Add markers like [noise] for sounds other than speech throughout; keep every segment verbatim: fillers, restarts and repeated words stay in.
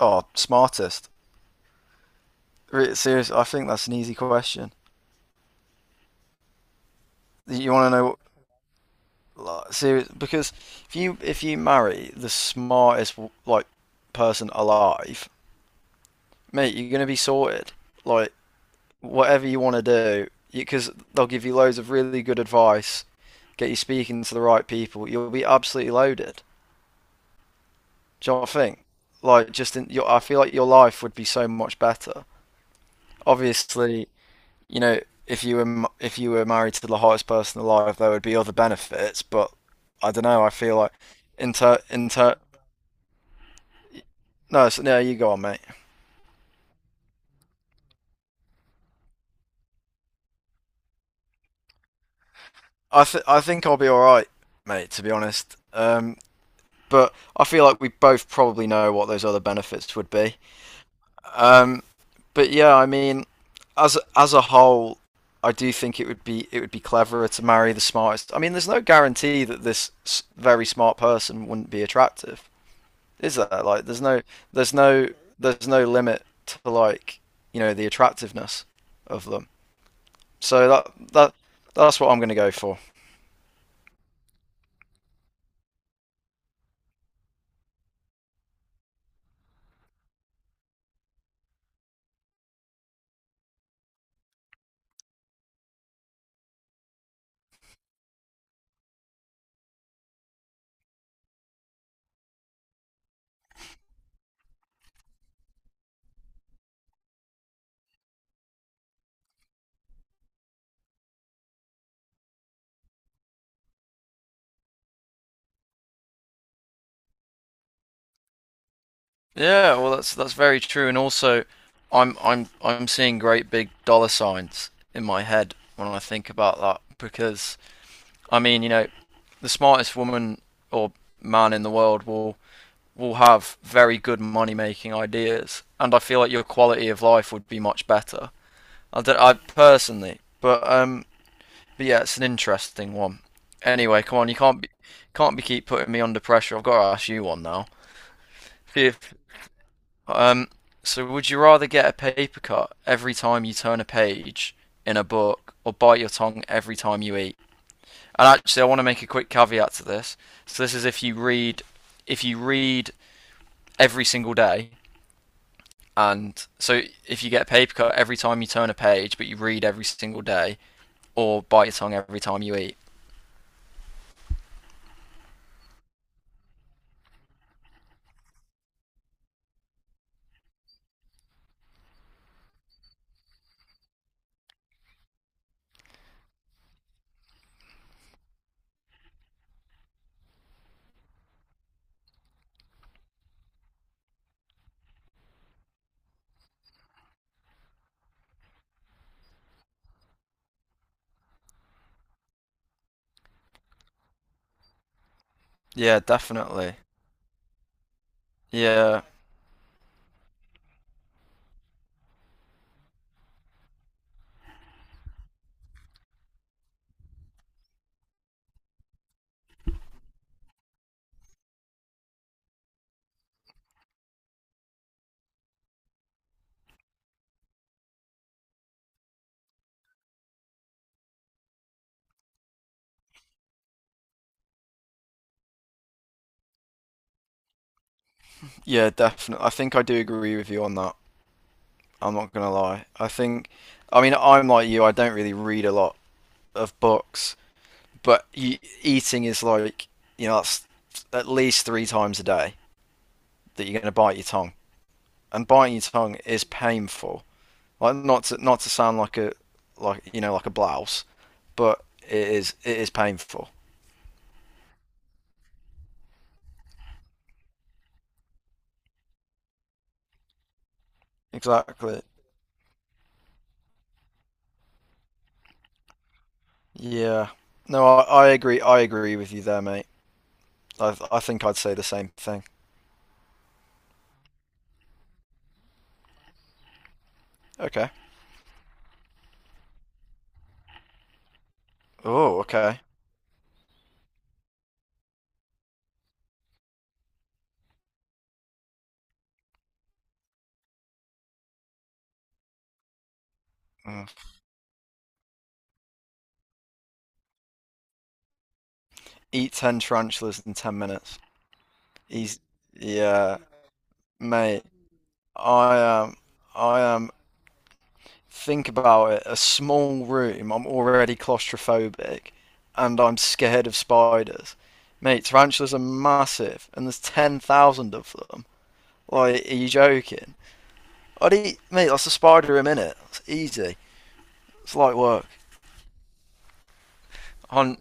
Oh, smartest. Seriously, I think that's an easy question. You want to know, like, serious, because if you if you marry the smartest like person alive, mate, you're gonna be sorted. Like whatever you want to do, because they'll give you loads of really good advice, get you speaking to the right people. You'll be absolutely loaded. Do you know what I think? Like, just in your, I feel like your life would be so much better. Obviously, you know, if you were if you were married to the hottest person alive, there would be other benefits. But I don't know. I feel like inter inter. No, so no, you go on, mate. I th I think I'll be all right, mate. To be honest, um, but I feel like we both probably know what those other benefits would be. Um, but yeah, I mean, as as a whole, I do think it would be it would be cleverer to marry the smartest. I mean, there's no guarantee that this very smart person wouldn't be attractive. Is there? Like, there's no, there's no, there's no limit to, like, you know, the attractiveness of them. So that that that's what I'm going to go for. Yeah, well, that's that's very true, and also, I'm I'm I'm seeing great big dollar signs in my head when I think about that because I mean, you know, the smartest woman or man in the world will will have very good money making ideas, and I feel like your quality of life would be much better. I, don't, I personally, but um, But yeah, it's an interesting one. Anyway, come on, you can't be can't be keep putting me under pressure. I've got to ask you one now. If um, so would you rather get a paper cut every time you turn a page in a book, or bite your tongue every time you eat? And actually, I want to make a quick caveat to this. So this is if you read if you read every single day, and so if you get a paper cut every time you turn a page, but you read every single day, or bite your tongue every time you eat. Yeah, definitely. Yeah. Yeah, definitely. I think I do agree with you on that. I'm not gonna lie. I think, I mean, I'm like you. I don't really read a lot of books, but you, eating is like, you know, that's at least three times a day that you're gonna bite your tongue, and biting your tongue is painful. Like not to not to sound like a like, you know, like a blouse, but it is it is painful. Exactly. Yeah. No, I, I agree. I agree with you there, mate. I I think I'd say the same thing. Okay. Oh, okay. Mm. Eat ten tarantulas in ten minutes. He's, yeah, mate, I am, I am, think about it, a small room, I'm already claustrophobic, and I'm scared of spiders. Mate, tarantulas are massive, and there's ten thousand of them. Like, are you joking? I'd eat, mate, that's a spider a minute. It's easy. It's light work. Hun-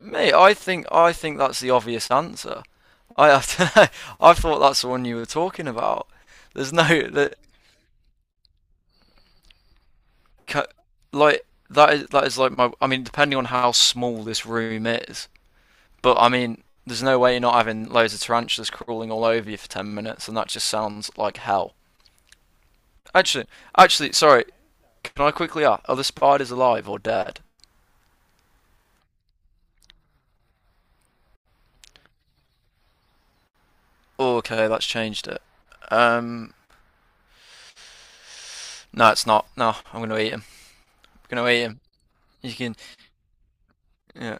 Mate, I think I think that's the obvious answer. I I dunno, [laughs] I thought that's the one you were talking about. There's no that ca- Like that is that is like my, I mean, depending on how small this room is, but I mean there's no way you're not having loads of tarantulas crawling all over you for ten minutes and that just sounds like hell. Actually, actually sorry, can I quickly ask, are the spiders alive or dead? Oh, okay, that's changed it. Um no, it's not. No, I'm going to eat him. I'm going to eat him. You can, yeah.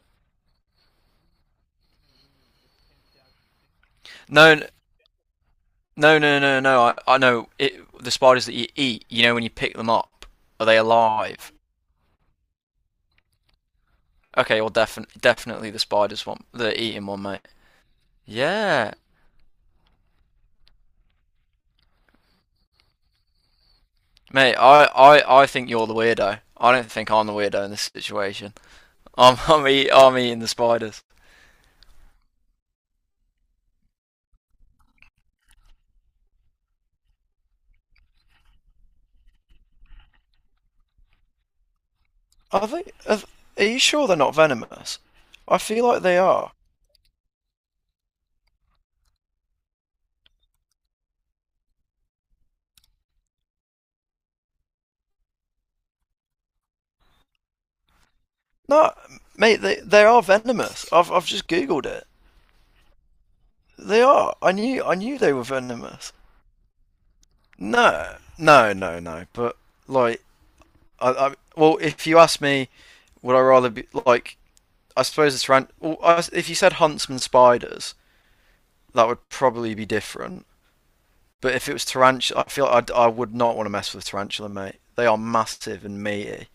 No, n- No, no, no, no, no. I, I know it, the spiders that you eat, you know, when you pick them up, are they alive? Okay, well, definitely, definitely the spiders one, the eating one, mate. Yeah, mate. I, I, I think you're the weirdo. I don't think I'm the weirdo in this situation. I'm, [laughs] I'm, eat, I'm eating the spiders. Are they? Are, are you sure they're not venomous? I feel like they are. No, mate, they they are venomous. I've I've just googled it. They are. I knew I knew they were venomous. No, no, no, no. But like, I, I well, if you ask me, would I rather be like? I suppose it's ran. Well, I, if you said huntsman spiders, that would probably be different. But if it was tarantula, I feel like I'd, I would not want to mess with tarantula, mate. They are massive and meaty.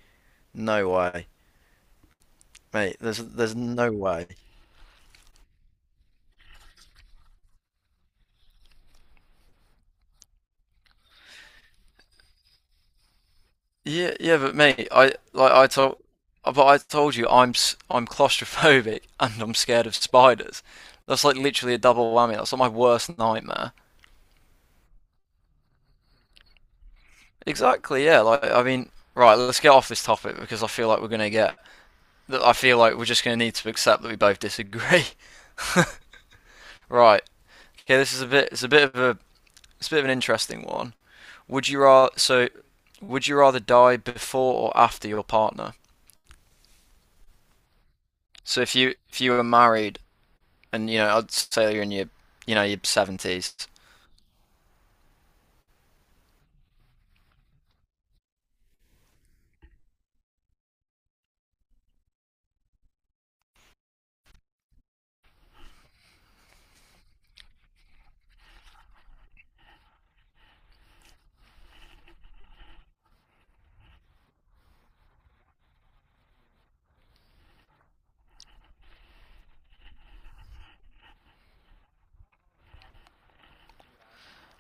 No way, mate. There's there's no way. Yeah, yeah, but mate, I like I told, but I told you I'm s- I'm claustrophobic [laughs] and I'm scared of spiders. That's like literally a double whammy. That's like my worst nightmare. Exactly, yeah. Like, I mean, right, let's get off this topic because I feel like we're going to get. I feel like we're just going to need to accept that we both disagree. [laughs] Right. Okay, this is a bit. It's a bit of a. It's a bit of an interesting one. Would you rather? So, would you rather die before or after your partner? So, if you if you were married, and you know, I'd say you're in your, you know, your seventies.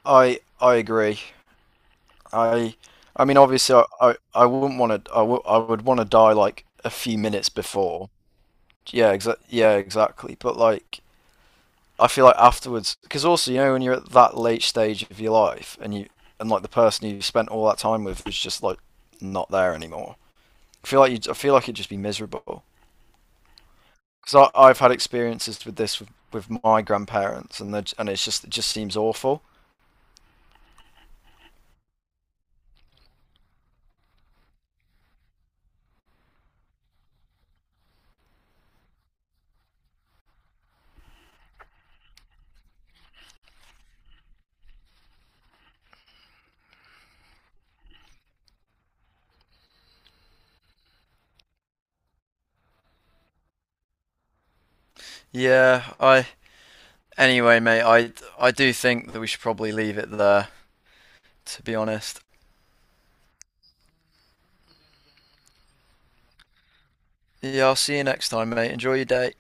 I I agree. I I mean, obviously, I I, I wouldn't want to. I, w- I would want to die like a few minutes before. Yeah, exa- yeah, exactly. But like, I feel like afterwards, because also you know when you're at that late stage of your life, and you and like the person you spent all that time with is just like not there anymore. I feel like you. I feel like it'd just be miserable. Because I've had experiences with this with, with my grandparents, and they're j- and it's just it just seems awful. Yeah, I. Anyway, mate, I I do think that we should probably leave it there. To be honest. Yeah, I'll see you next time, mate. Enjoy your day.